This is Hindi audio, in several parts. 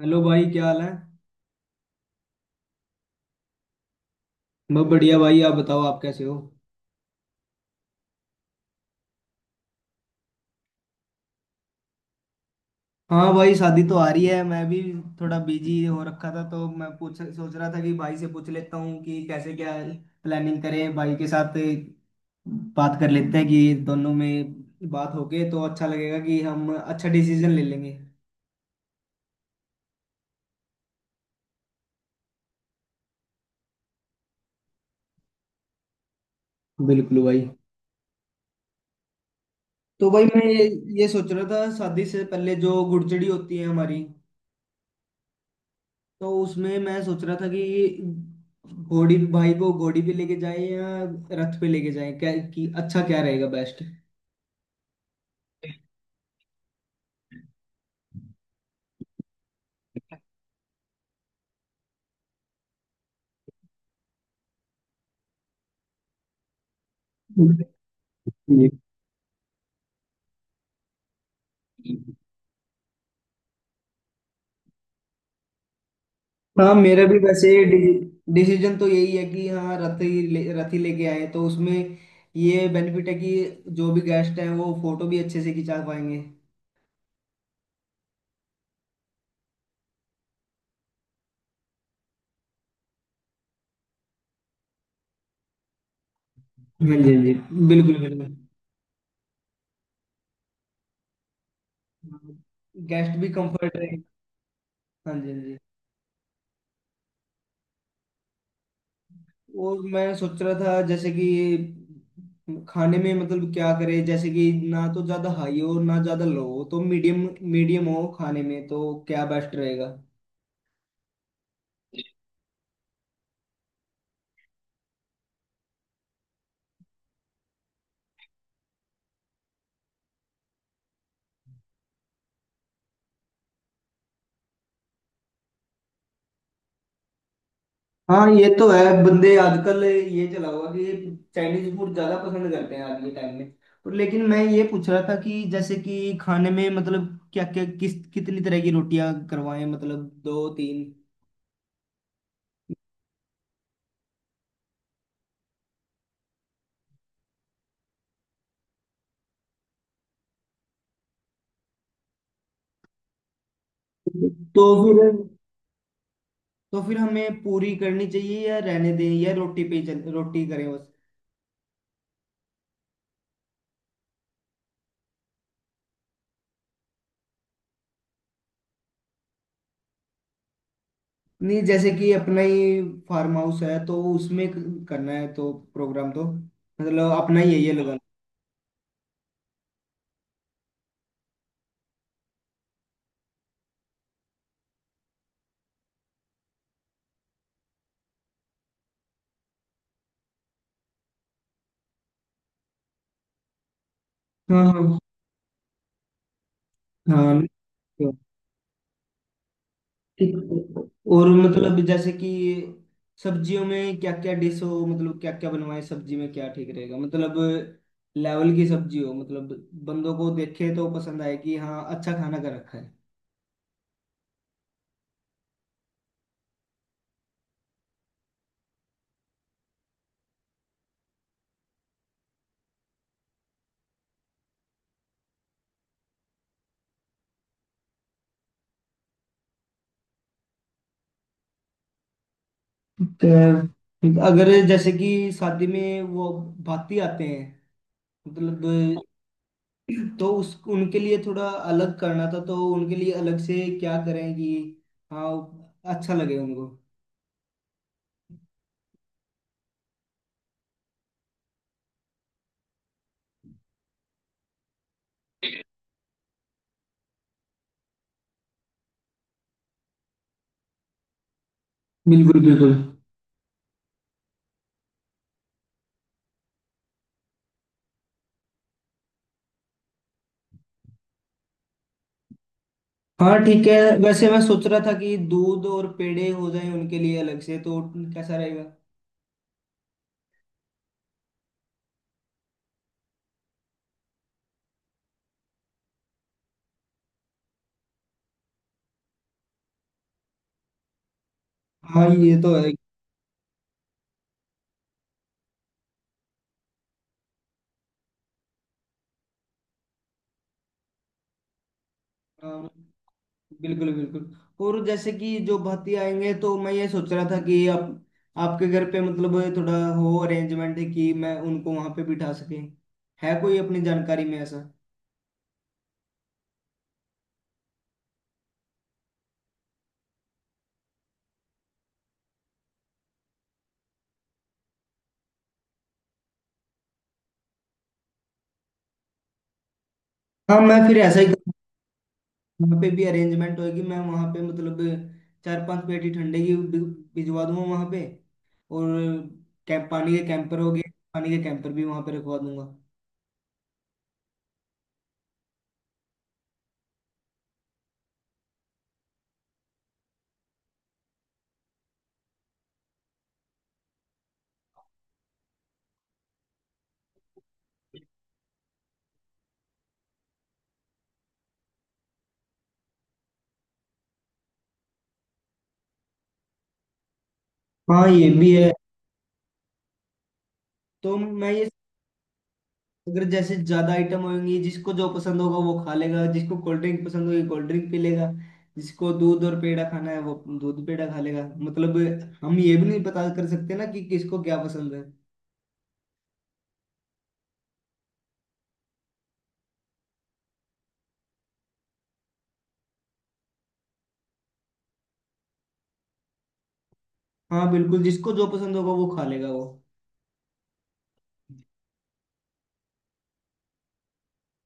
हेलो भाई, क्या हाल है? बहुत बढ़िया भाई, आप बताओ, आप कैसे हो? हाँ भाई, शादी तो आ रही है, मैं भी थोड़ा बिजी हो रखा था। तो मैं पूछ सोच रहा था कि भाई से पूछ लेता हूँ कि कैसे क्या प्लानिंग करें भाई के साथ। बात कर लेते हैं कि दोनों में बात होके तो अच्छा लगेगा, कि हम अच्छा डिसीजन ले लेंगे। बिल्कुल भाई। तो भाई मैं ये सोच रहा था, शादी से पहले जो गुड़चड़ी होती है हमारी, तो उसमें मैं सोच रहा था कि घोड़ी भाई को घोड़ी पे लेके जाए या रथ पे लेके जाए, क्या कि अच्छा क्या रहेगा बेस्ट। हाँ, मेरा भी वैसे डिसीजन तो यही है कि हाँ, रथ ही लेके आए, तो उसमें ये बेनिफिट है कि जो भी गेस्ट हैं वो फोटो भी अच्छे से खिंचा पाएंगे। हाँ जी, हाँ जी। बिल्कुल, बिल्कुल। गेस्ट भी कंफर्ट रहे। हाँ जी, हाँ जी। और मैं सोच रहा था जैसे कि खाने में, मतलब क्या करे, जैसे कि ना तो ज्यादा हाई हो ना ज्यादा लो हो, तो मीडियम मीडियम हो खाने में, तो क्या बेस्ट रहेगा? हाँ, ये तो है, बंदे आजकल ये चला हुआ कि चाइनीज फूड ज्यादा पसंद करते हैं आज के टाइम में। और लेकिन मैं ये पूछ रहा था कि जैसे कि खाने में मतलब क्या क्या किस कितनी तरह की रोटियां करवाएं, मतलब दो तीन। तो फिर तो फिर हमें पूरी करनी चाहिए या रहने दें, या रोटी पे ही चल रोटी करें बस। नहीं, जैसे कि अपना ही फार्म हाउस है, तो उसमें करना है, तो प्रोग्राम तो मतलब अपना ही है, ये लगा। हाँ, हाँ। हाँ, ठीक। और मतलब जैसे कि सब्जियों में क्या क्या डिश हो, मतलब क्या क्या बनवाए सब्जी में, क्या ठीक रहेगा, मतलब लेवल की सब्जी हो, मतलब बंदों को देखे तो पसंद आए कि हाँ, अच्छा खाना कर रखा है। तो अगर जैसे कि शादी में वो भाती आते हैं मतलब, तो उस उनके लिए थोड़ा अलग करना था, तो उनके लिए अलग से क्या करें कि हाँ, अच्छा लगे उनको। बिल्कुल, बिल्कुल। हाँ, ठीक है। वैसे मैं सोच रहा था कि दूध और पेड़े हो जाए उनके लिए अलग से, तो कैसा रहेगा? हाँ, ये तो है। हाँ, बिल्कुल, बिल्कुल। और जैसे कि जो भाती आएंगे, तो मैं ये सोच रहा था कि आप आपके घर पे मतलब थोड़ा हो अरेंजमेंट, कि मैं उनको वहां पे बिठा सके, है कोई अपनी जानकारी में ऐसा? हाँ, मैं फिर ऐसा ही वहाँ पे भी अरेंजमेंट होगी, मैं वहाँ पे मतलब चार पांच पेटी ठंडे की भिजवा दूंगा वहाँ पे। और कैंप पानी के कैंपर हो गए, पानी के कैंपर भी वहाँ पे रखवा दूंगा। हाँ, ये भी है। तो मैं ये अगर जैसे ज्यादा आइटम होंगी, जिसको जो पसंद होगा वो खा लेगा, जिसको कोल्ड ड्रिंक पसंद होगी कोल्ड ड्रिंक पी लेगा, जिसको दूध और पेड़ा खाना है वो दूध पेड़ा खा लेगा। मतलब हम ये भी नहीं पता कर सकते ना कि किसको क्या पसंद है। हाँ, बिल्कुल, जिसको जो पसंद होगा वो खा लेगा वो।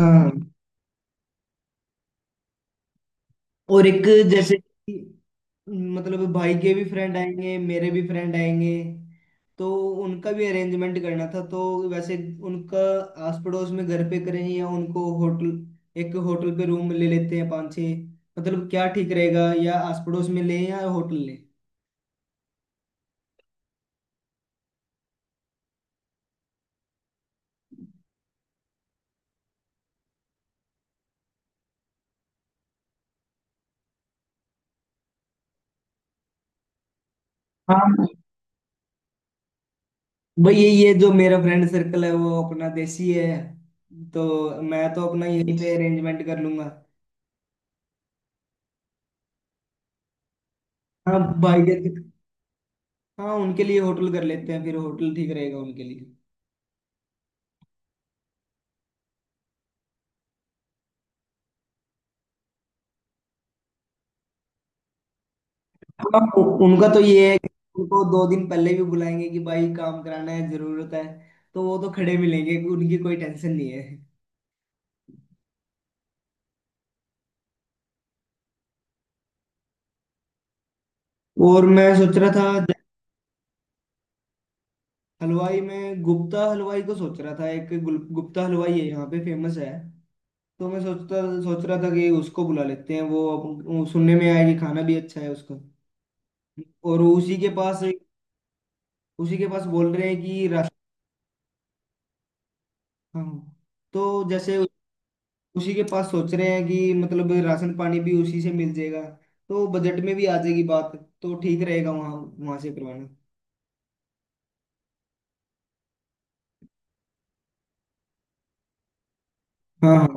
हाँ। और एक, जैसे कि मतलब भाई के भी फ्रेंड आएंगे, मेरे भी फ्रेंड आएंगे, तो उनका भी अरेंजमेंट करना था, तो वैसे उनका आस पड़ोस में घर पे करें या उनको होटल, एक होटल पे रूम ले लेते हैं पाँच छः, मतलब क्या ठीक रहेगा, या आस पड़ोस में लें या होटल लें? हाँ भाई, ये जो मेरा फ्रेंड सर्कल है वो अपना देसी है, तो मैं तो अपना यहीं पे अरेंजमेंट कर लूंगा। हाँ, भाई के। हाँ, उनके लिए होटल कर लेते हैं, फिर होटल ठीक रहेगा उनके लिए। हाँ, उनका तो ये है कि उनको दो दिन पहले भी बुलाएंगे कि भाई काम कराना है, जरूरत है, तो वो तो खड़े मिलेंगे, उनकी कोई टेंशन नहीं है। और मैं सोच रहा था। हलवाई में गुप्ता हलवाई को सोच रहा था, एक गुप्ता हलवाई है यहाँ पे, फेमस है। तो मैं सोच रहा था कि उसको बुला लेते हैं, वो वो सुनने में आया कि खाना भी अच्छा है उसका। और उसी के पास बोल रहे हैं कि राशन। हाँ, तो जैसे उसी के पास सोच रहे हैं कि मतलब राशन पानी भी उसी से मिल जाएगा, तो बजट में भी आ जाएगी बात, तो ठीक रहेगा वहाँ वहाँ से करवाना। हाँ, हाँ।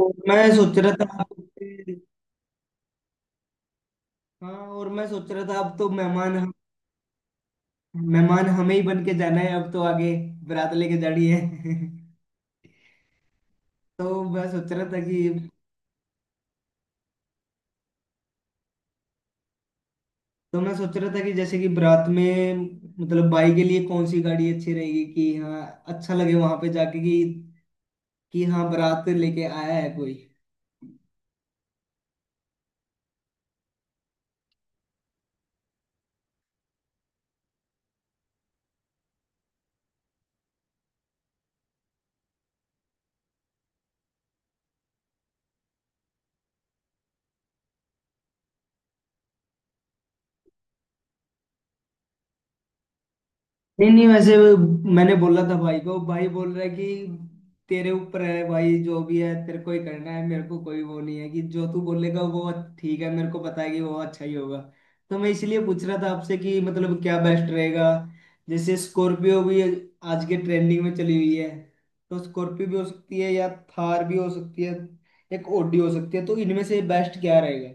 और मैं सोच रहा था। हाँ, और मैं सोच रहा था, अब तो मेहमान। मेहमान हमें ही बन के जाना है अब तो आगे, बारात लेके जानी है। तो मैं सोच रहा था कि तो मैं सोच रहा था कि जैसे कि बारात में, मतलब बाई के लिए कौन सी गाड़ी अच्छी रहेगी कि हाँ, अच्छा लगे वहां पे जाके कि हाँ, बारात लेके आया है कोई। नहीं, नहीं, वैसे वो, मैंने बोला था भाई को, भाई बोल रहा है कि तेरे ऊपर है भाई, जो भी है तेरे को ही करना है, मेरे को कोई वो नहीं है कि जो तू बोलेगा वो ठीक है, मेरे को पता है कि वो अच्छा ही होगा। तो मैं इसलिए पूछ रहा था आपसे कि मतलब क्या बेस्ट रहेगा। जैसे स्कॉर्पियो भी आज के ट्रेंडिंग में चली हुई है, तो स्कॉर्पियो भी हो सकती है या थार भी हो सकती है, एक ओडी हो सकती है, तो इनमें से बेस्ट क्या रहेगा?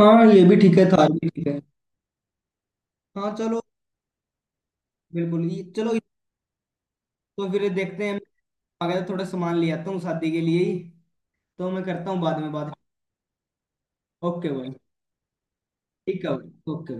हाँ, ये भी ठीक है, थार भी ठीक है। हाँ, चलो। बिल्कुल, ये चलो। तो फिर देखते हैं, मैं आ गया तो थोड़ा सामान ले आता हूँ शादी के लिए ही, तो मैं करता हूँ बाद में बात। ओके भाई। ठीक है भाई, ओके।